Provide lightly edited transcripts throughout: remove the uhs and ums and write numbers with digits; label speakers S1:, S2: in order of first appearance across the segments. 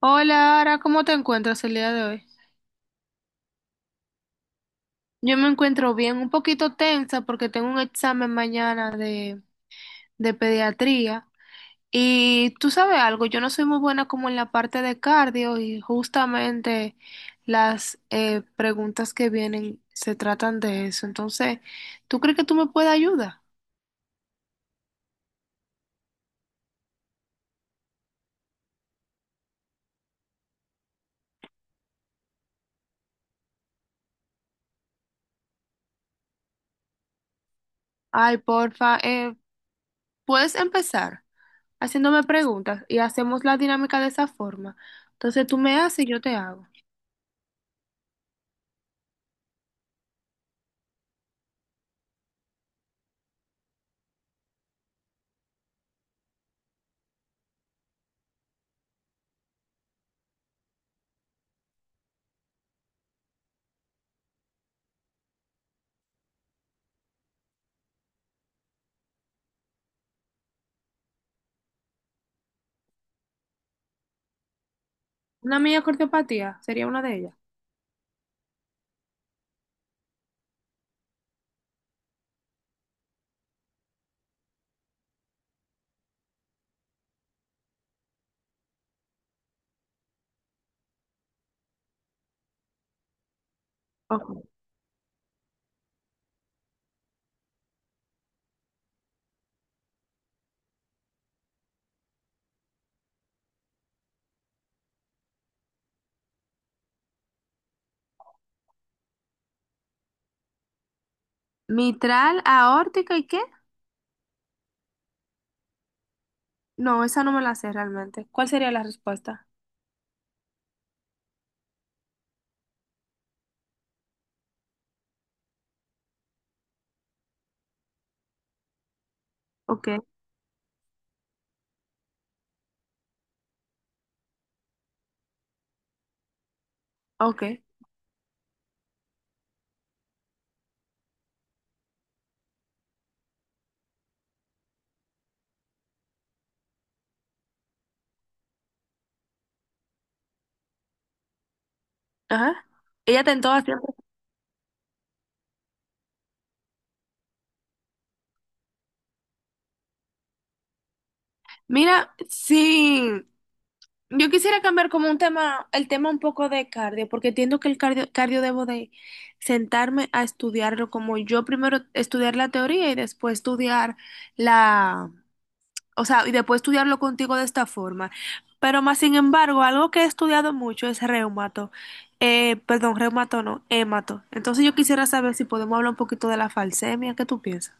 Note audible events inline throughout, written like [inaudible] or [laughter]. S1: Hola, Ara, ¿cómo te encuentras el día de hoy? Yo me encuentro bien, un poquito tensa porque tengo un examen mañana de pediatría. Y tú sabes algo, yo no soy muy buena como en la parte de cardio y justamente las preguntas que vienen se tratan de eso. Entonces, ¿tú crees que tú me puedes ayudar? Ay, porfa, puedes empezar haciéndome preguntas y hacemos la dinámica de esa forma. Entonces tú me haces y yo te hago. Una miocardiopatía sería una de ellas. Ojo. Mitral, aórtica, ¿y qué? No, esa no me la sé realmente. ¿Cuál sería la respuesta? Ok, ok. Ajá. Ella tentó siempre. Mira, sí. Yo quisiera cambiar como un tema, el tema un poco de cardio, porque entiendo que el cardio debo de sentarme a estudiarlo, como yo primero estudiar la teoría y después estudiar la, o sea, y después estudiarlo contigo de esta forma. Pero más sin embargo, algo que he estudiado mucho es reumato. Perdón, reumato no, hemato. Entonces yo quisiera saber si podemos hablar un poquito de la falsemia, ¿qué tú piensas?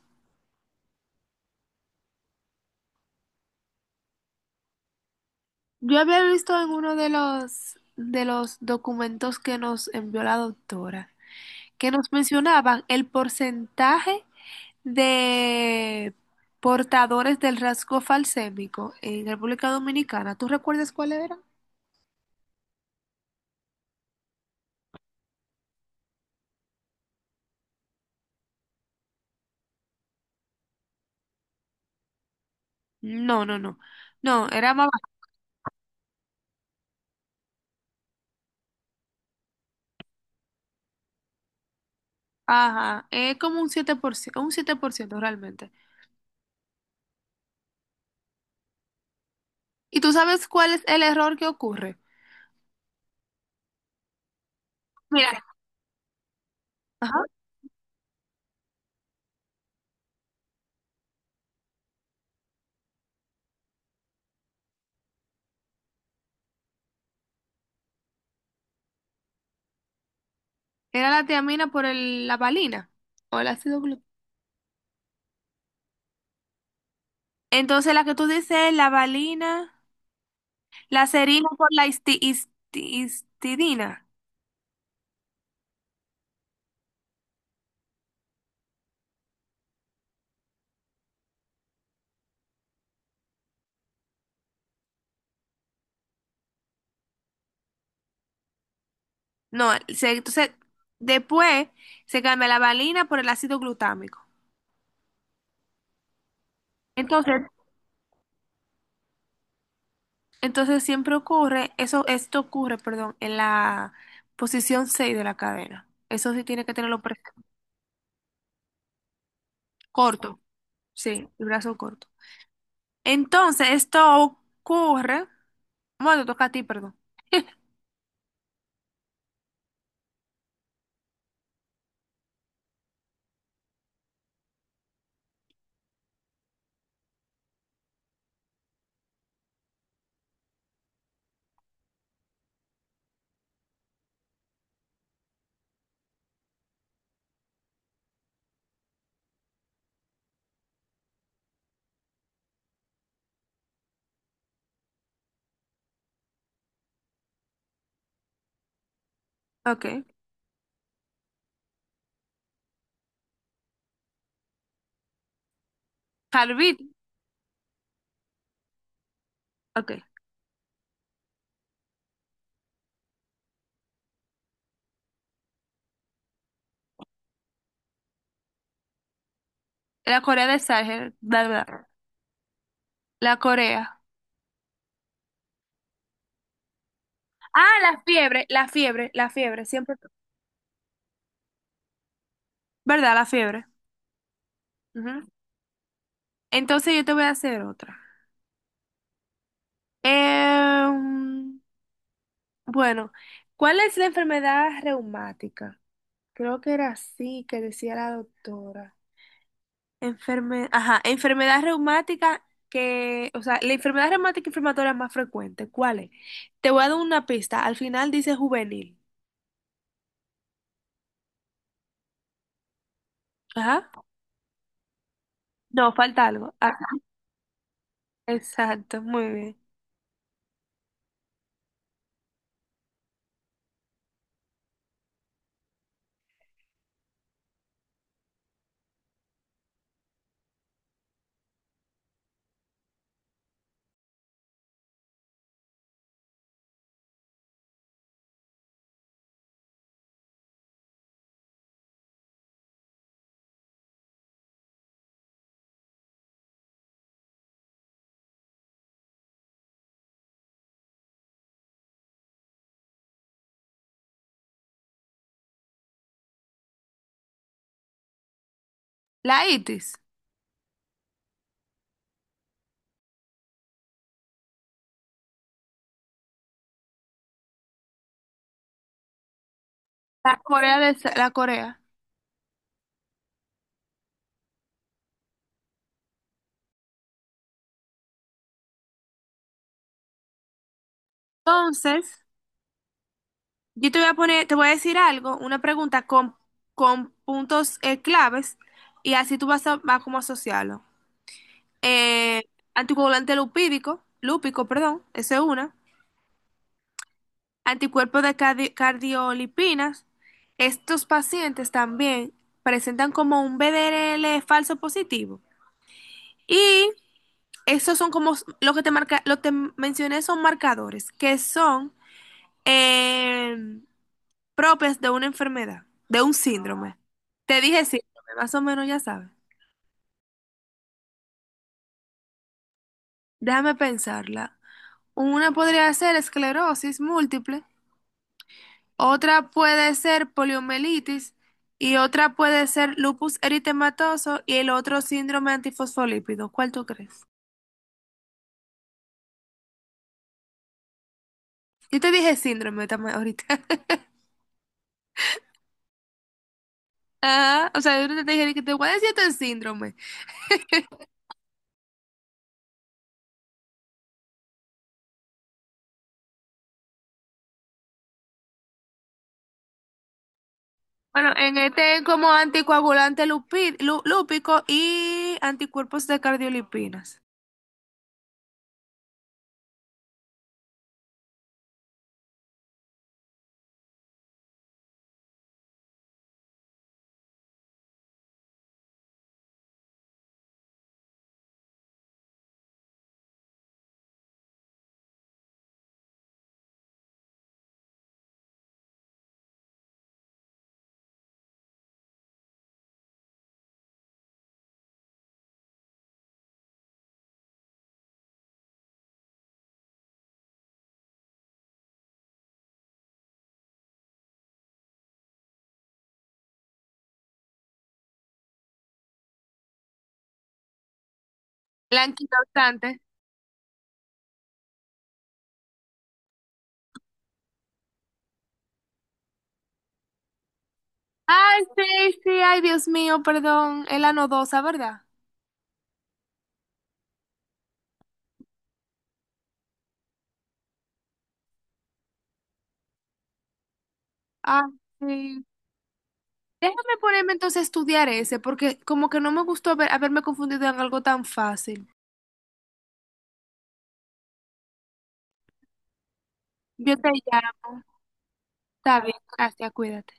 S1: Yo había visto en uno de los documentos que nos envió la doctora, que nos mencionaban el porcentaje de portadores del rasgo falsémico en República Dominicana. ¿Tú recuerdas cuál era? No, no, no. No, era más. Ajá, es como un 7%, un 7% realmente. ¿Y tú sabes cuál es el error que ocurre? Mira, ajá, era la tiamina por el- la valina o el ácido glu-. Entonces la que tú dices, la valina, la serina por la histi- histi- histidina. No, se- entonces después se cambia la valina por el ácido glutámico. Entonces, entonces siempre ocurre, eso, esto ocurre, perdón, en la posición 6 de la cadena. Eso sí tiene que tenerlo presente. Corto. Sí, el brazo corto. Entonces, esto ocurre. Bueno, te toca a ti, perdón. [laughs] Ok. Harbit. Ok. La Corea del Sahel. Bla, bla, bla. La Corea. Ah, la fiebre, la fiebre, la fiebre. Siempre. ¿Verdad? La fiebre. Ujú. Entonces, yo te voy a hacer otra. Em, bueno, ¿cuál es la enfermedad reumática? Creo que era así que decía la doctora. Enferme- ajá, enfermedad reumática que, o sea, la enfermedad reumática inflamatoria más frecuente, ¿cuál es? Te voy a dar una pista, al final dice juvenil. Ajá. No, falta algo. Ah, exacto, muy bien. La itis, la Corea de la Corea. Entonces, yo te voy a poner, te voy a decir algo, una pregunta con puntos claves y así tú vas a, vas como a asociarlo. Eh, Anticoagulante lupídico, lúpico, perdón, esa es una. Anticuerpos de cardi- cardiolipinas. Estos pacientes también presentan como un BDRL falso positivo. Y esos son como s- lo que te marca, lo te mencioné son marcadores que son eh, propias de una enfermedad, de un síndrome. Te dije síndrome, más o menos ya sabes. Déjame pensarla. Una podría ser esclerosis múltiple. Otra puede ser poliomielitis y otra puede ser lupus eritematoso y el otro síndrome antifosfolípido. ¿Cuál tú crees? Yo te dije síndrome también ahorita. [laughs] Ah, o sea, yo no te dije que te voy a decir este síndrome. Bueno, en este es como anticoagulante lupi- lu- lúpico y anticuerpos de cardiolipinas. Blanquitaxante. Ay, sí, sí, ay, Dios mío, perdón. Es la nodosa, ¿verdad? Ah, sí. Déjame ponerme entonces a estudiar ese, porque como que no me gustó haber- haberme confundido en algo tan fácil. Yo te llamo. Está bien, gracias, cuídate.